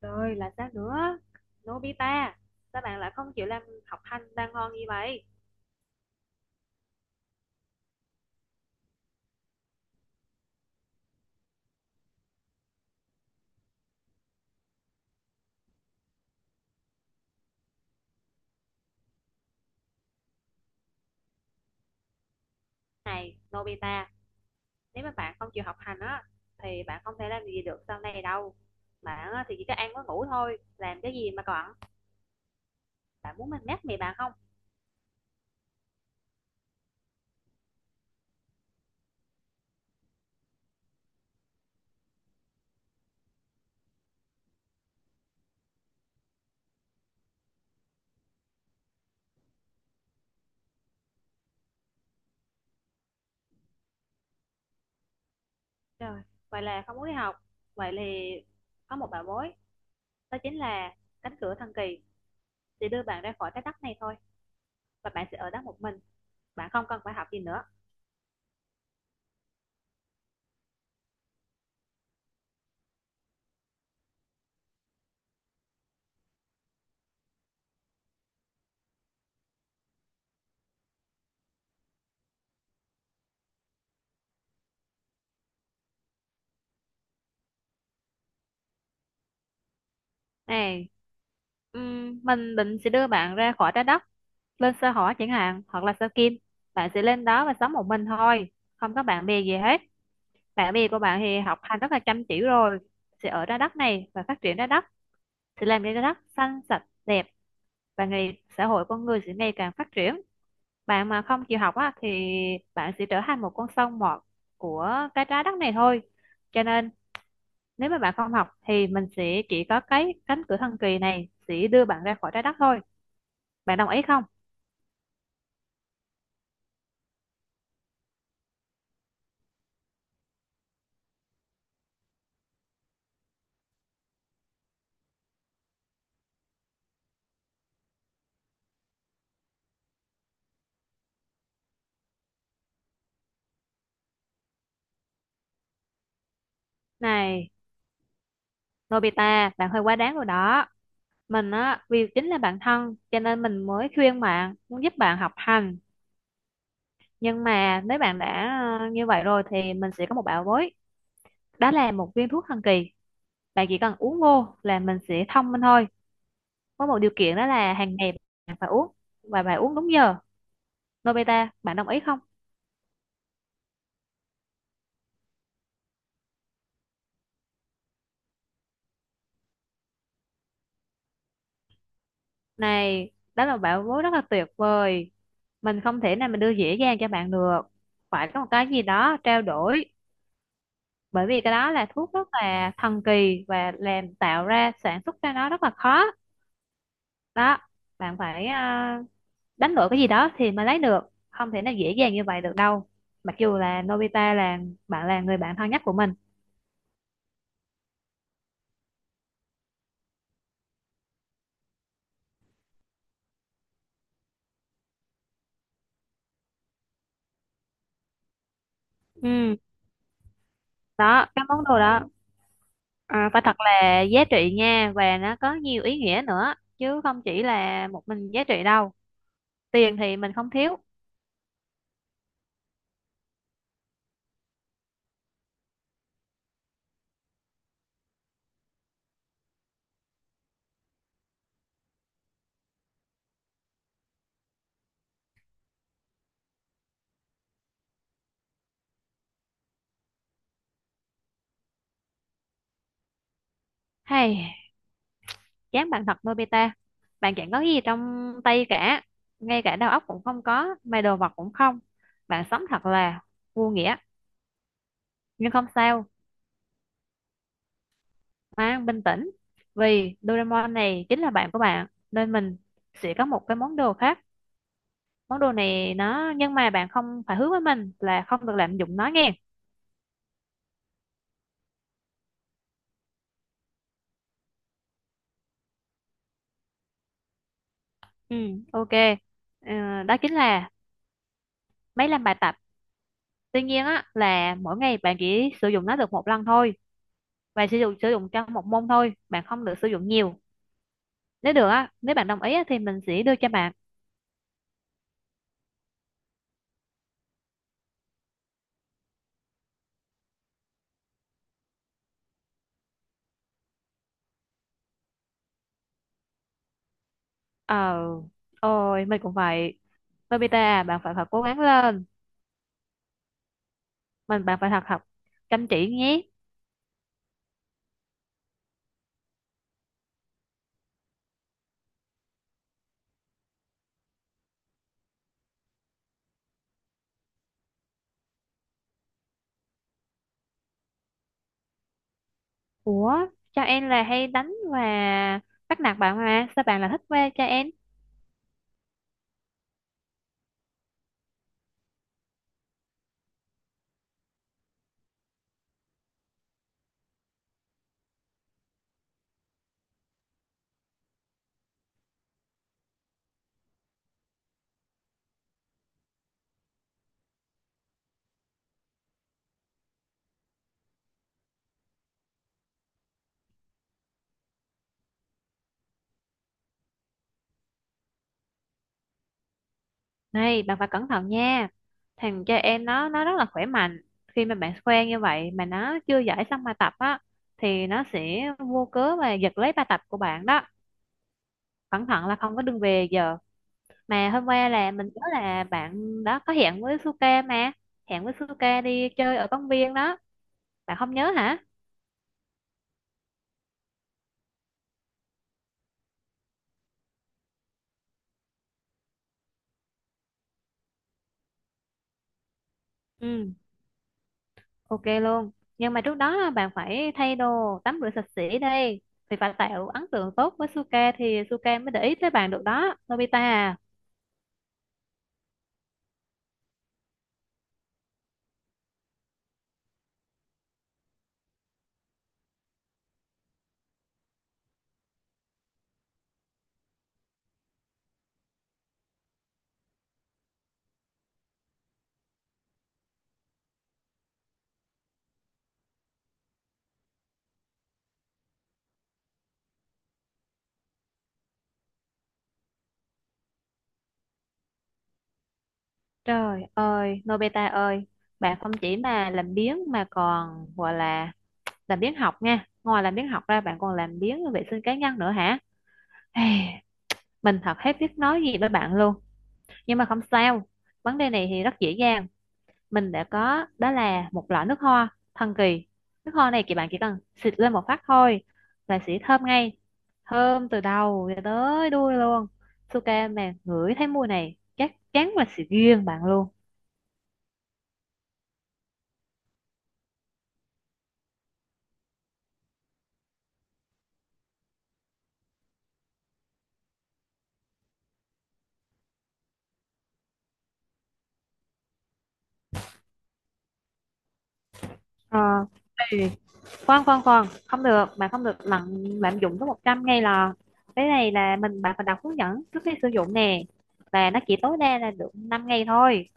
Rồi là sao nữa. Nobita, các bạn lại không chịu làm, học hành đang ngon như vậy. Này Nobita, nếu mà bạn không chịu học hành á thì bạn không thể làm gì được sau này đâu. Bạn á, thì chỉ có ăn có ngủ thôi, làm cái gì mà còn. Bạn muốn mình mát mẹ bạn không? Trời, vậy là không muốn đi học. Vậy thì có một bảo bối. Đó chính là cánh cửa thần kỳ, sẽ đưa bạn ra khỏi cái đất này thôi, và bạn sẽ ở đó một mình. Bạn không cần phải học gì nữa. Này, mình định sẽ đưa bạn ra khỏi trái đất, lên sao hỏa chẳng hạn hoặc là sao kim. Bạn sẽ lên đó và sống một mình thôi, không có bạn bè gì hết. Bạn bè của bạn thì học hành rất là chăm chỉ rồi, sẽ ở trái đất này và phát triển trái đất, sẽ làm cho trái đất xanh sạch đẹp, và ngày xã hội con người sẽ ngày càng phát triển. Bạn mà không chịu học á, thì bạn sẽ trở thành một con sâu mọt của cái trái đất này thôi. Cho nên nếu mà bạn không học thì mình sẽ chỉ có cái cánh cửa thần kỳ này sẽ đưa bạn ra khỏi trái đất thôi. Bạn đồng ý không? Này, Nobita, bạn hơi quá đáng rồi đó. Mình á, vì chính là bạn thân cho nên mình mới khuyên bạn, muốn giúp bạn học hành. Nhưng mà nếu bạn đã như vậy rồi thì mình sẽ có một bảo bối. Đó là một viên thuốc thần kỳ. Bạn chỉ cần uống vô là mình sẽ thông minh thôi. Có một điều kiện đó là hàng ngày bạn phải uống và bạn uống đúng giờ. Nobita, bạn đồng ý không? Này đó là bảo bối rất là tuyệt vời, mình không thể nào mình đưa dễ dàng cho bạn được, phải có một cái gì đó trao đổi. Bởi vì cái đó là thuốc rất là thần kỳ và làm tạo ra sản xuất ra nó rất là khó đó. Bạn phải đánh đổi cái gì đó thì mới lấy được, không thể nào dễ dàng như vậy được đâu, mặc dù là Nobita là bạn là người bạn thân nhất của mình. Ừ, đó cái món đồ đó à, phải thật là giá trị nha, và nó có nhiều ý nghĩa nữa chứ không chỉ là một mình giá trị đâu. Tiền thì mình không thiếu. Hay, chán bạn thật Nobita. Bạn chẳng có gì trong tay cả, ngay cả đầu óc cũng không có mà đồ vật cũng không. Bạn sống thật là vô nghĩa. Nhưng không sao, mang bình tĩnh. Vì Doraemon này chính là bạn của bạn nên mình sẽ có một cái món đồ khác. Món đồ này nó, nhưng mà bạn không phải hứa với mình là không được lạm dụng nó nghe. Ừ, ok. Ờ, đó chính là máy làm bài tập. Tuy nhiên á là mỗi ngày bạn chỉ sử dụng nó được một lần thôi, và sử dụng cho một môn thôi, bạn không được sử dụng nhiều. Nếu được á, nếu bạn đồng ý á, thì mình sẽ đưa cho bạn. Ờ, ôi mình cũng vậy. Nobita à, bạn phải thật cố gắng lên. Bạn phải thật học chăm chỉ nhé. Ủa, cho em là hay đánh và bắt nạt bạn mà sao bạn lại thích quê cho em. Này, bạn phải cẩn thận nha. Thằng cho em nó rất là khỏe mạnh. Khi mà bạn quen như vậy mà nó chưa giải xong bài tập á, thì nó sẽ vô cớ và giật lấy bài tập của bạn đó. Cẩn thận là không có đường về giờ. Mà hôm qua là mình nhớ là bạn đó có hẹn với Suka mà, hẹn với Suka đi chơi ở công viên đó. Bạn không nhớ hả? Ừ, ok luôn. Nhưng mà trước đó bạn phải thay đồ tắm rửa sạch sẽ đi, thì phải tạo ấn tượng tốt với Suka thì Suka mới để ý tới bạn được đó Nobita à. Trời ơi Nobita ơi, bạn không chỉ mà làm biếng mà còn gọi là làm biếng học nha. Ngoài làm biếng học ra bạn còn làm biếng vệ sinh cá nhân nữa hả? Ê, mình thật hết biết nói gì với bạn luôn. Nhưng mà không sao, vấn đề này thì rất dễ dàng. Mình đã có, đó là một loại nước hoa thần kỳ. Nước hoa này thì bạn chỉ cần xịt lên một phát thôi là sẽ thơm ngay, thơm từ đầu cho tới đuôi luôn. Suka mà ngửi thấy mùi này chắc chắn là sẽ ghiền bạn luôn. Ờ, ê, khoan khoan khoan, không được, bạn không được lạm lạm dụng tới 100 ngay là. Cái này là mình, bạn phải đọc hướng dẫn trước khi sử dụng nè, và nó chỉ tối đa là được 5 ngày thôi.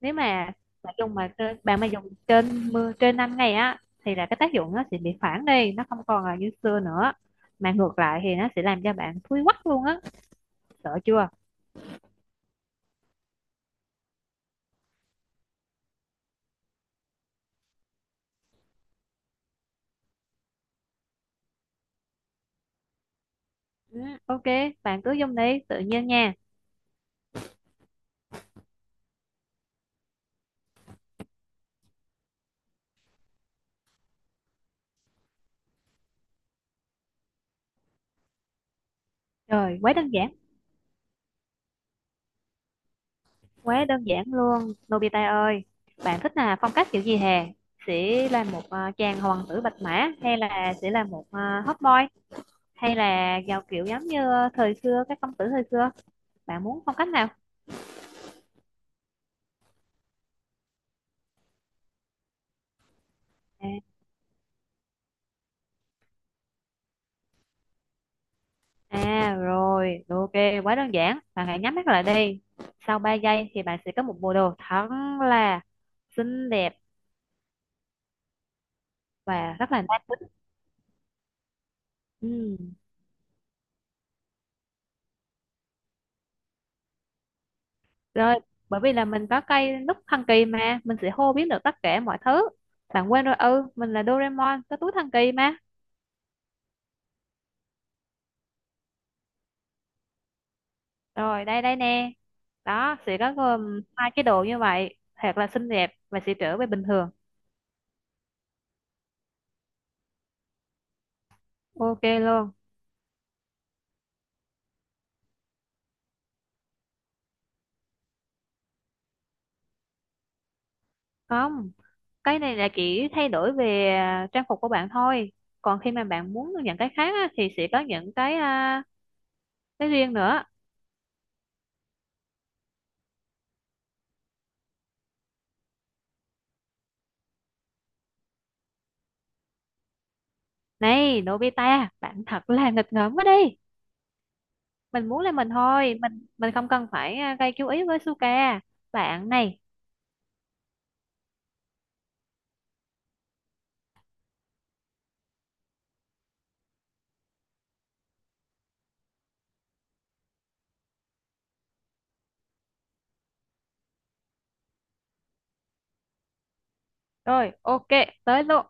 Nếu mà bạn mà dùng trên mưa trên 5 ngày á, thì là cái tác dụng nó sẽ bị phản đi, nó không còn là như xưa nữa, mà ngược lại thì nó sẽ làm cho bạn thui quắc luôn á. Sợ chưa? Ừ, ok, bạn cứ dùng đi tự nhiên nha. Trời, quá đơn giản. Quá đơn giản luôn Nobita ơi. Bạn thích là phong cách kiểu gì hè? Sẽ là một chàng hoàng tử bạch mã, hay là sẽ là một hot boy, hay là giàu kiểu giống như thời xưa, các công tử thời xưa. Bạn muốn phong cách nào? À, à rồi, ok, quá đơn giản. Bạn hãy nhắm mắt lại đi. Sau 3 giây thì bạn sẽ có một bộ đồ thật là xinh đẹp và rất là nam tính. Ừ, rồi, bởi vì là mình có cây nút thần kỳ mà, mình sẽ hô biến được tất cả mọi thứ. Bạn quên rồi, ừ, mình là Doraemon, có túi thần kỳ mà. Rồi, đây đây nè. Đó, sẽ có gồm hai cái đồ như vậy, thật là xinh đẹp và sẽ trở về bình thường. Ok luôn. Không, cái này là chỉ thay đổi về trang phục của bạn thôi, còn khi mà bạn muốn những cái khác á, thì sẽ có những cái cái riêng nữa. Này Nobita, bạn thật là nghịch ngợm quá đi. Mình muốn là mình thôi, mình không cần phải gây chú ý với Suka. Bạn này, rồi ok, tới luôn.